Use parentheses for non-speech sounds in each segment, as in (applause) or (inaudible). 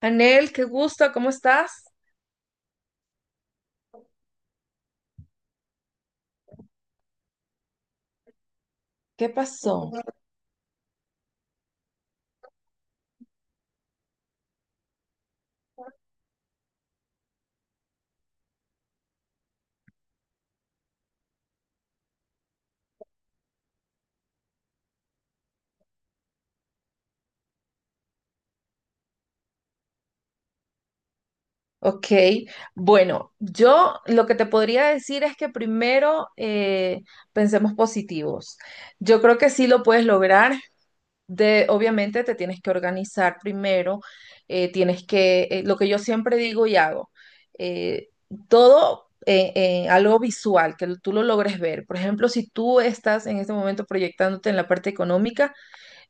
Anel, qué gusto, ¿cómo estás? ¿Qué pasó? Ok, bueno, yo lo que te podría decir es que primero pensemos positivos. Yo creo que sí lo puedes lograr. De, obviamente te tienes que organizar primero, tienes que, lo que yo siempre digo y hago, eh, todo algo visual, que tú lo logres ver. Por ejemplo, si tú estás en este momento proyectándote en la parte económica,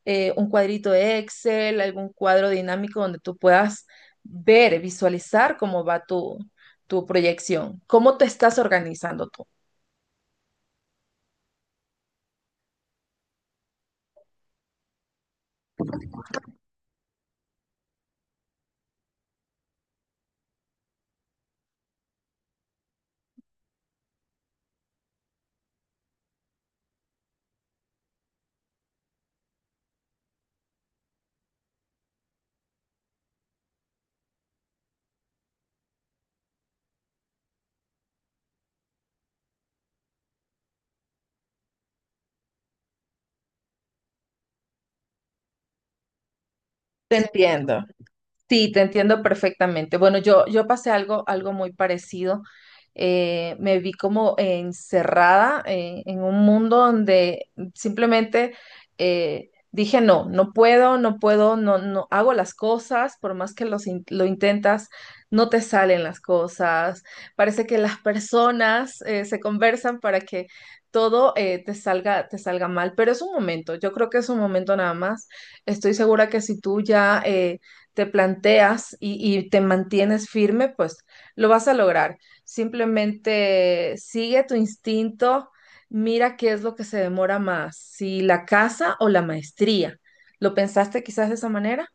un cuadrito de Excel, algún cuadro dinámico donde tú puedas ver, visualizar cómo va tu proyección, cómo te estás organizando tú. Te entiendo. Sí, te entiendo perfectamente. Bueno, yo pasé algo muy parecido. Me vi como encerrada en un mundo donde simplemente dije, no, no puedo, no hago las cosas, por más que lo intentas, no te salen las cosas. Parece que las personas se conversan para que todo te te salga mal, pero es un momento, yo creo que es un momento nada más. Estoy segura que si tú ya... te planteas y te mantienes firme, pues lo vas a lograr. Simplemente sigue tu instinto, mira qué es lo que se demora más, si la casa o la maestría. ¿Lo pensaste quizás de esa manera?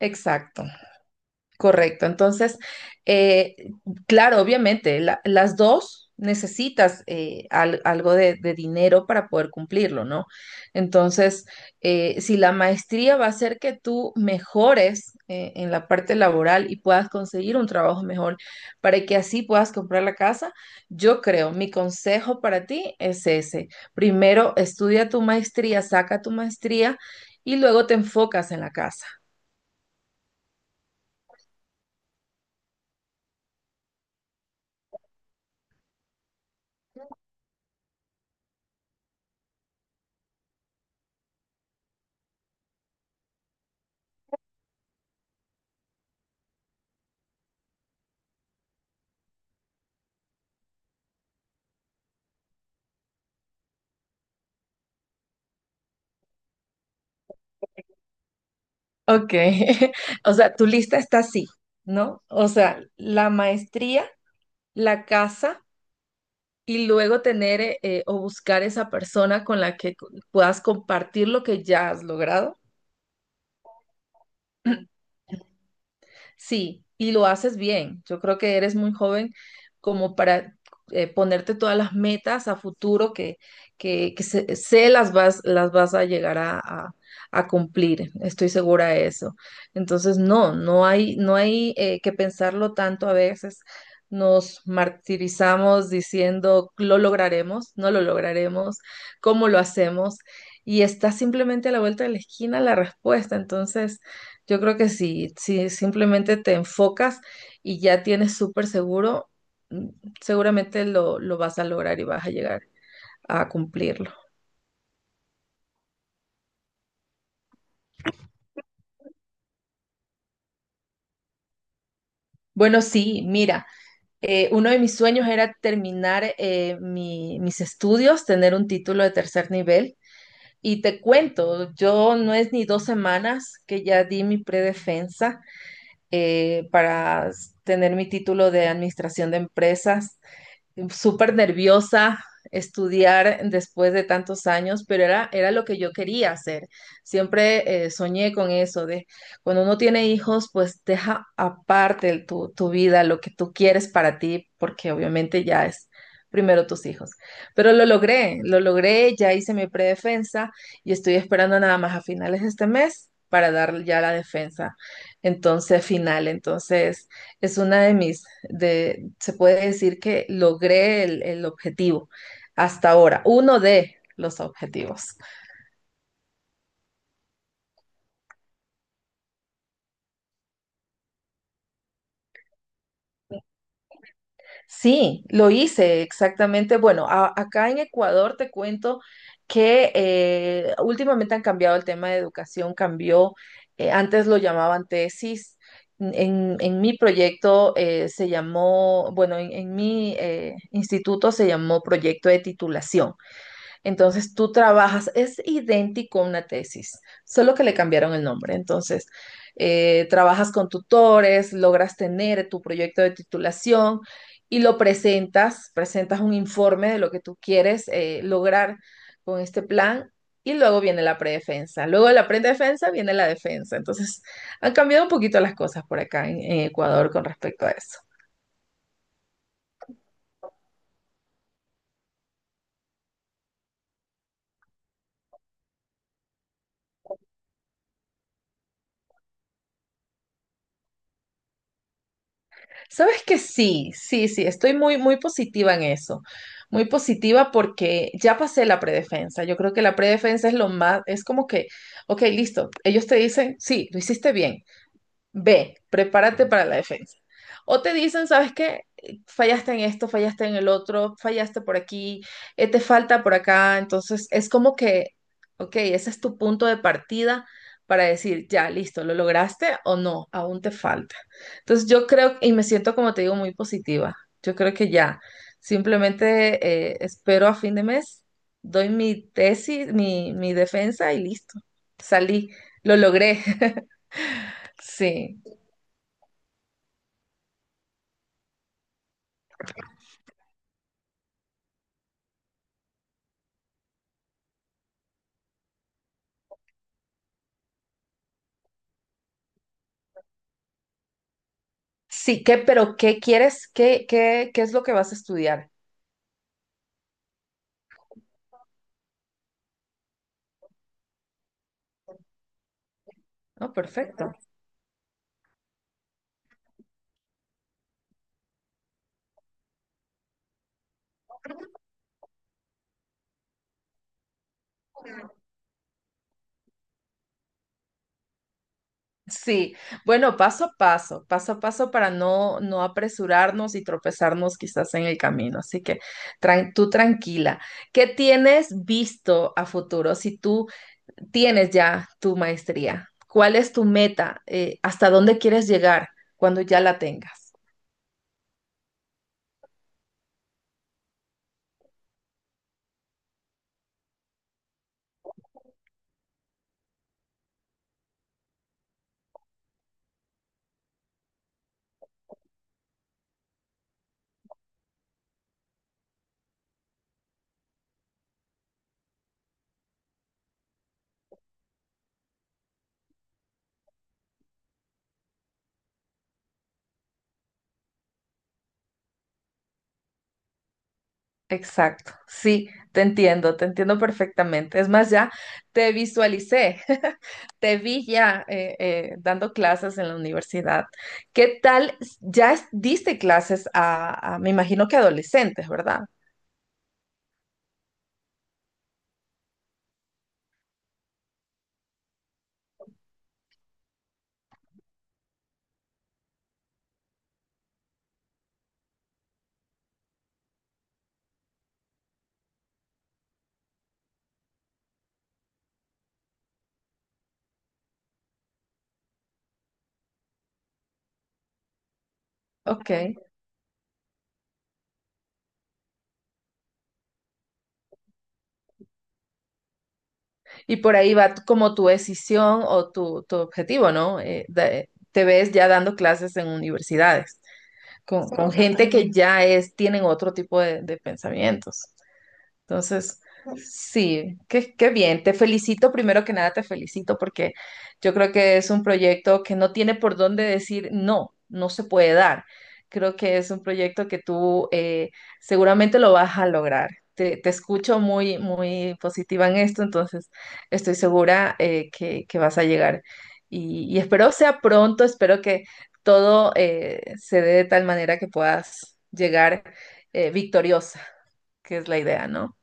Exacto. Correcto. Entonces, eh, claro, obviamente, las dos necesitas algo de dinero para poder cumplirlo, ¿no? Entonces, si la maestría va a hacer que tú mejores en la parte laboral y puedas conseguir un trabajo mejor para que así puedas comprar la casa, yo creo, mi consejo para ti es ese. Primero, estudia tu maestría, saca tu maestría y luego te enfocas en la casa. Ok, (laughs) o sea, tu lista está así, ¿no? O sea, la maestría, la casa y luego tener o buscar esa persona con la que puedas compartir lo que ya has logrado. (clears throat) Sí, y lo haces bien. Yo creo que eres muy joven como para ponerte todas las metas a futuro que sé, las vas a llegar a cumplir. Estoy segura de eso. Entonces, no hay que pensarlo tanto a veces. Nos martirizamos diciendo, lo lograremos, no lo lograremos, cómo lo hacemos. Y está simplemente a la vuelta de la esquina la respuesta. Entonces... Yo creo que si simplemente te enfocas y ya tienes súper seguro, mm, seguramente lo vas a lograr y vas a llegar a cumplirlo. Bueno, sí, mira, uno de mis sueños era terminar mis estudios, tener un título de tercer nivel. Y te cuento, yo no es ni dos semanas que ya di mi predefensa tener mi título de administración de empresas. Súper nerviosa estudiar después de tantos años, pero era lo que yo quería hacer. Siempre soñé con eso, de cuando uno tiene hijos, pues deja aparte tu vida, lo que tú quieres para ti, porque obviamente ya es primero tus hijos. Pero lo logré, ya hice mi predefensa y estoy esperando nada más a finales de este mes para dar ya la defensa. Entonces, entonces es una de mis, se puede decir que logré el objetivo hasta ahora, uno de los objetivos. Sí, lo hice exactamente. Bueno, acá en Ecuador te cuento que últimamente han cambiado el tema de educación, cambió, antes lo llamaban tesis. En mi proyecto se llamó, bueno, en mi instituto se llamó proyecto de titulación. Entonces tú trabajas, es idéntico a una tesis, solo que le cambiaron el nombre. Entonces, trabajas con tutores, logras tener tu proyecto de titulación y lo presentas, presentas un informe de lo que tú quieres lograr con este plan y luego viene la predefensa. Luego de la predefensa viene la defensa. Entonces, han cambiado un poquito las cosas por acá en Ecuador con respecto a eso. Sabes que sí, sí, sí, estoy muy, muy positiva en eso. Muy positiva porque ya pasé la predefensa. Yo creo que la predefensa es lo más, es como que, ok, listo, ellos te dicen, sí, lo hiciste bien. B, prepárate para la defensa. O te dicen, ¿sabes qué? Fallaste en esto, fallaste en el otro, fallaste por aquí, te falta por acá. Entonces, es como que, ok, ese es tu punto de partida para decir, ya, listo, ¿lo lograste o no? Aún te falta. Entonces, yo creo, y me siento, como te digo, muy positiva. Yo creo que ya, simplemente espero a fin de mes, doy mi tesis, mi defensa y listo. Salí, lo logré. (laughs) Sí. Sí, pero ¿qué quieres? ¿Qué es lo que vas a estudiar? No, perfecto. Sí, bueno, paso a paso para no apresurarnos y tropezarnos quizás en el camino. Así que tú tranquila. ¿Qué tienes visto a futuro? Si tú tienes ya tu maestría, ¿cuál es tu meta? Hasta dónde quieres llegar cuando ya la tengas? Exacto, sí, te entiendo perfectamente. Es más, ya te visualicé, (laughs) te vi ya dando clases en la universidad. ¿Qué tal? Ya diste clases me imagino que adolescentes, ¿verdad? Ok, y por ahí va como tu decisión o tu objetivo, ¿no? Te ves ya dando clases en universidades con gente que ya es, tienen otro tipo de pensamientos. Entonces, sí, qué bien. Te felicito, primero que nada te felicito porque yo creo que es un proyecto que no tiene por dónde decir no, no se puede dar. Creo que es un proyecto que tú seguramente lo vas a lograr. Te escucho muy, muy positiva en esto, entonces estoy segura que vas a llegar. Y espero sea pronto, espero que todo se dé de tal manera que puedas llegar victoriosa, que es la idea, ¿no?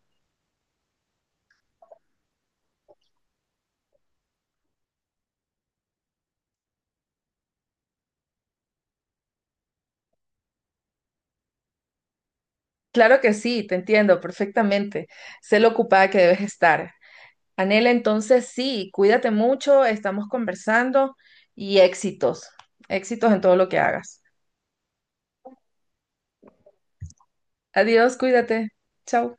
Claro que sí, te entiendo perfectamente. Sé lo ocupada que debes estar. Anela, entonces sí, cuídate mucho, estamos conversando y éxitos, éxitos en todo lo que hagas. Adiós, cuídate. Chao.